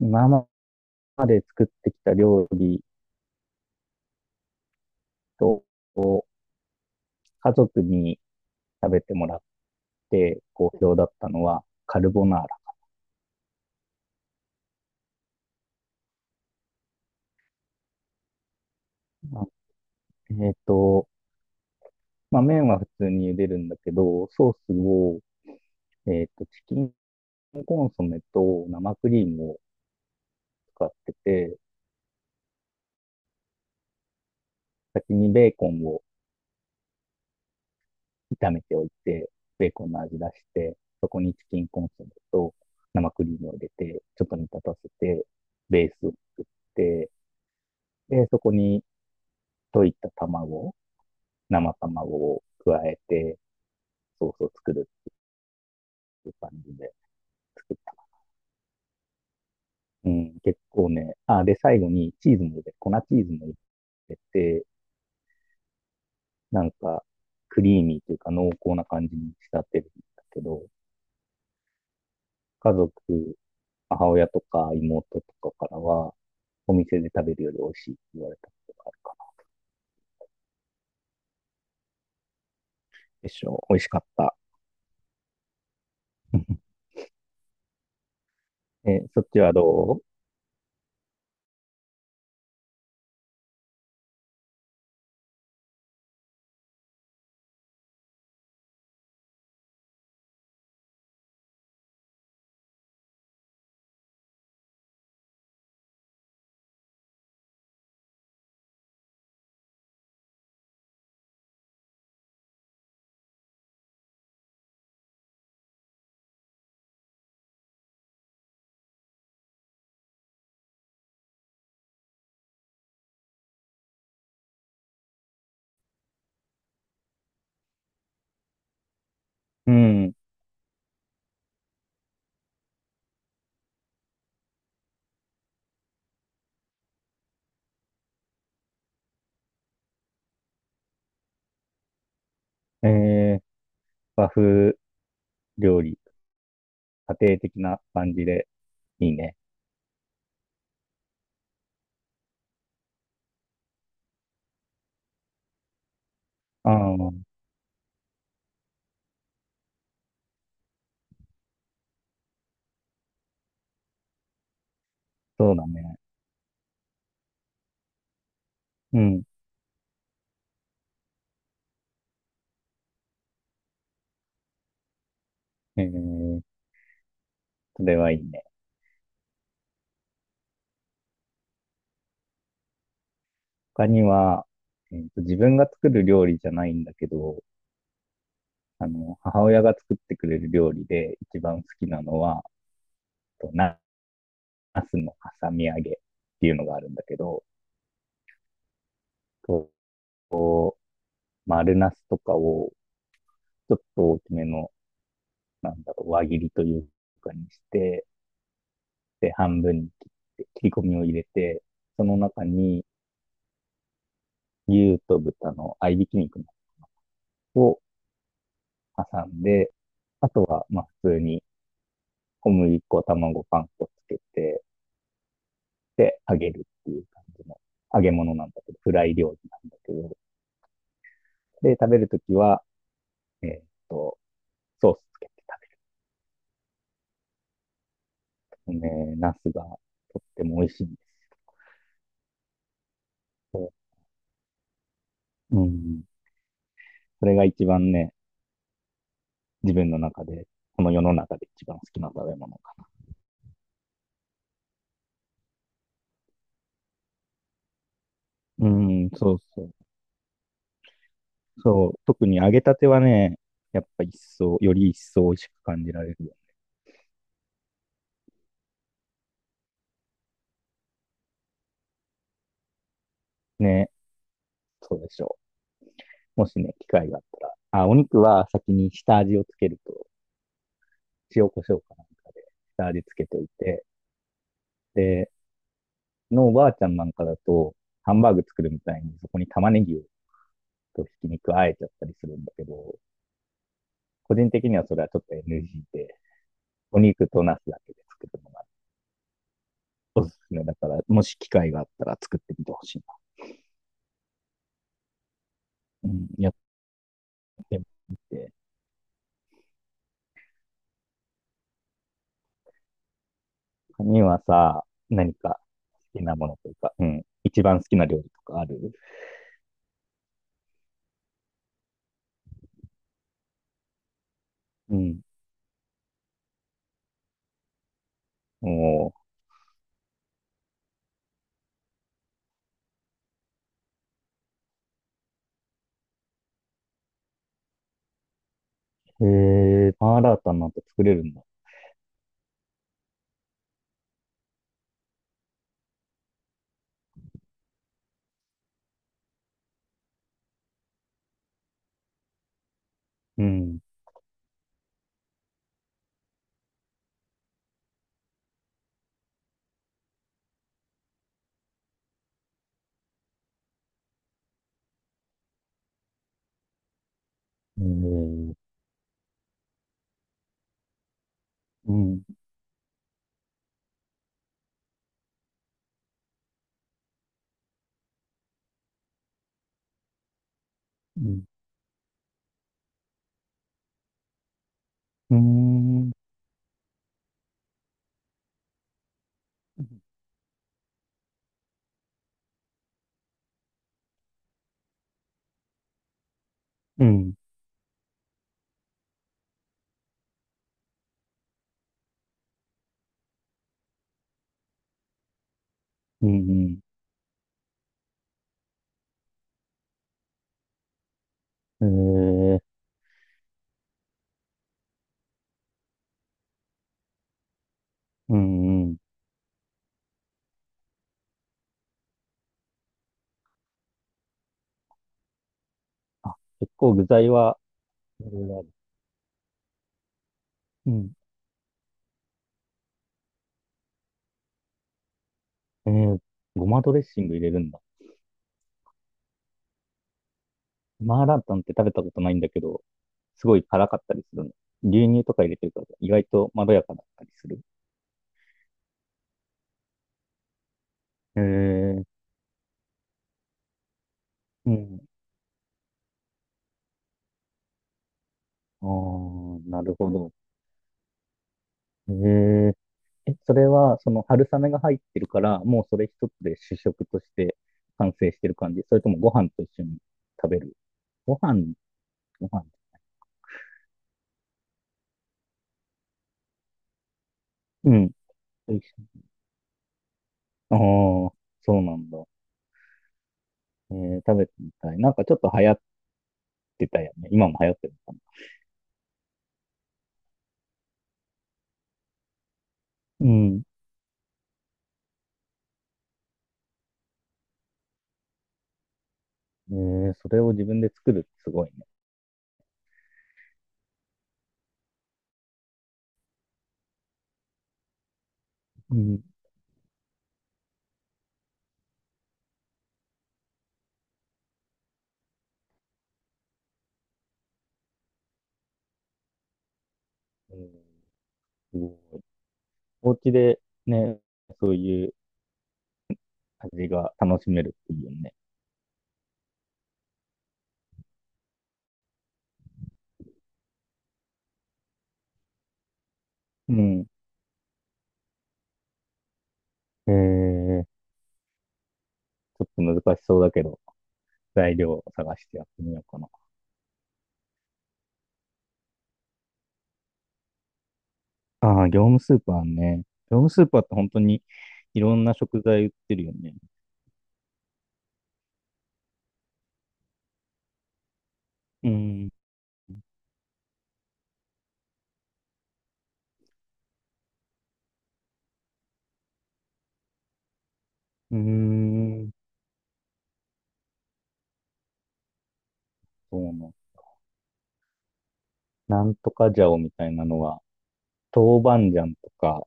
今まで作ってきた料理と、家族に食べてもらって好評だったのは、カルボナーラ。えっ、と、まあ、麺は普通に茹でるんだけど、ソースを、チキンコンソメと生クリームを使ってて、先にベーコンを炒めておいて、ベーコンの味出して、そこにチキンコンソメと生クリームを入れて、ちょっと煮立たせて、ベースを作って、で、そこに溶いた卵生卵を加えて、ソースを作るっていう感じで作った。うん、結構ね、あ、で、最後にチーズも入れて、粉チーズも入れて、なんか、クリーミーというか濃厚な感じに仕立てるんだけど、家族、母親とか妹とかからは、お店で食べるより美味しいって言われたことがあるかな。でしょう。美味しかった。え、そっちはどう？うん。えー、和風料理、家庭的な感じでいいね。うん。そうだね。うん。えー、それはいいね。他には、自分が作る料理じゃないんだけど、あの、母親が作ってくれる料理で一番好きなのは、と、な、ナスの挟み揚げっていうのがあるんだけど、と、丸ナスとかをちょっと大きめの、なんだろう、輪切りというかにして、で、半分に切って、切り込みを入れて、その中に牛と豚の合いびき肉を挟んで、あとは、まあ、普通に小麦粉、卵、パン粉つけて、で、揚げるっていう感じの揚げ物なんだけど、フライ料理なんだけど、で、食べるときは、えーっと、ソースつけて食べる。ね、ナスがとっても美味しいんです。うん。それが一番ね、自分の中で、この世の中で一番好きな食べ物かな。うん、そうそう。そう、特に揚げたてはね、やっぱ一層、より一層美味しく感じられるよね。ね、そうでしょう。もしね、機会があったら。あ、お肉は先に下味をつけると、塩コショウかなんかで下味つけといて、で、のおばあちゃんなんかだと、ハンバーグ作るみたいに、そこに玉ねぎとひき肉あえちゃったりするんだけど、個人的にはそれはちょっと NG で、お肉とナスだけで作るのがおすすめだから、もし機会があったら作ってみてほしいな。うん、やってみて。他にはさ、何か好きなものというか、うん、一番好きな料理とかある？うん。もう、へえ、パンアラータなんて作れるんだ。うん。へえ。うん。うん。うーん。うん。うん。うん。えー、うん。うん。あ、結構具材は、いろいろある。うん。えー、ごまドレッシング入れるんだ。マーラータンって食べたことないんだけど、すごい辛かったりするの？牛乳とか入れてるから、意外とまろやかだったりする。えー、うん。ああ、なるほど。えー、え、それは、その春雨が入ってるから、もうそれ一つで主食として完成してる感じ？それともご飯と一緒に食べる？ご飯、ご飯。うん。と一緒に。ああ、そうなんだ。えー、食べてみたい。なんかちょっと流行ってたよね。今も流行ってるのかな？うん。えー、それを自分で作るってすごいね。うん。うん、すごい。お家でね、そういう味が楽しめるっていうね。うん。えー、ちょっと難しそうだけど、材料を探してやってみようかな。ああ、業務スーパーね。業務スーパーって本当にいろんな食材売ってるよね。うん。うーん、そうなんだ。なんとか醤みたいなのは、豆板醤とか、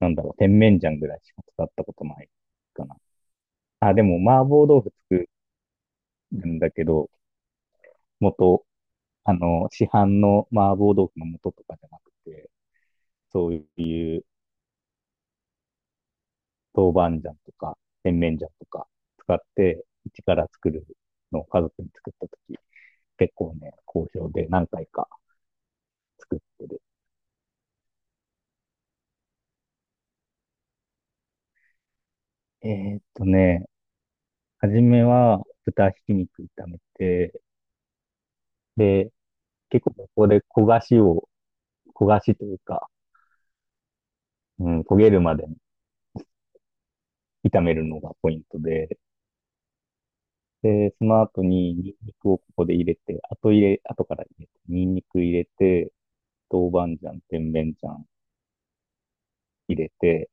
なんだろう、甜麺醤ぐらいしか使ったことないかな。あ、でも麻婆豆腐作るんだけど、元、あの、市販の麻婆豆腐の素とかじゃなくて、そういう豆板醤とか、甜麺醤とか使って、一から作るのを家族に作ったとき、結構ね、好評で何回か作ってる。えーっとね、初めは豚ひき肉炒めて、で、結構ここで焦がしを、焦がしというか、うん、焦げるまで炒めるのがポイントで、で、その後にニンニクをここで入れて、後入れ、後から入れて、ニンニク入れて、豆板醤、甜麺醤入れて、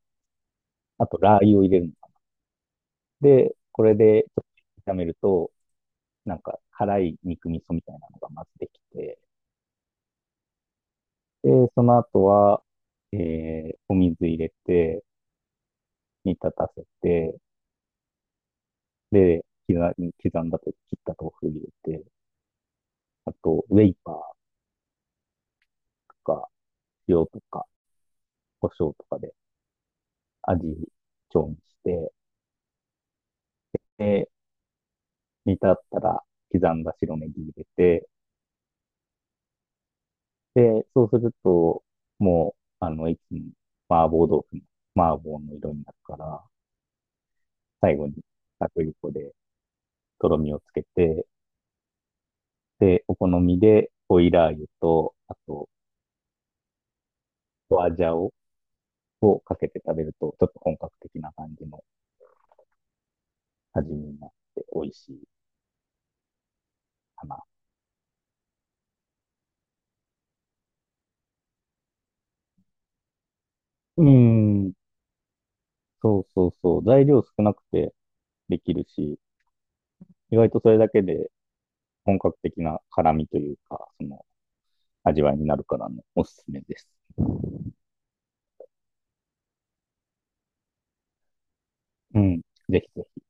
あとラー油を入れるのか。で、これでちょっと炒めると、なんか辛い肉味噌みたいなのがまずできて、で、その後は、えー、お水入れて、煮立たせて、で、刻んだと切った豆腐入れて、あと、ウェイパーとか、塩とか、胡椒とかで味調にして、で、煮立ったら刻んだ白ネギ入れて、で、そうすると、もう、あの、一気に麻婆豆腐の麻婆の色になるから、最後に薄力粉でとろみをつけて、で、お好みでオイラー油と、あと、花椒をかけて食べると、ちょっと本格的な感じの味になって美味しいかな。うーん。そうそうそう。材料少なくてできるし、意外とそれだけで本格的な辛みというか、その味わいになるからね、おすすめです。うん。ぜひぜひ。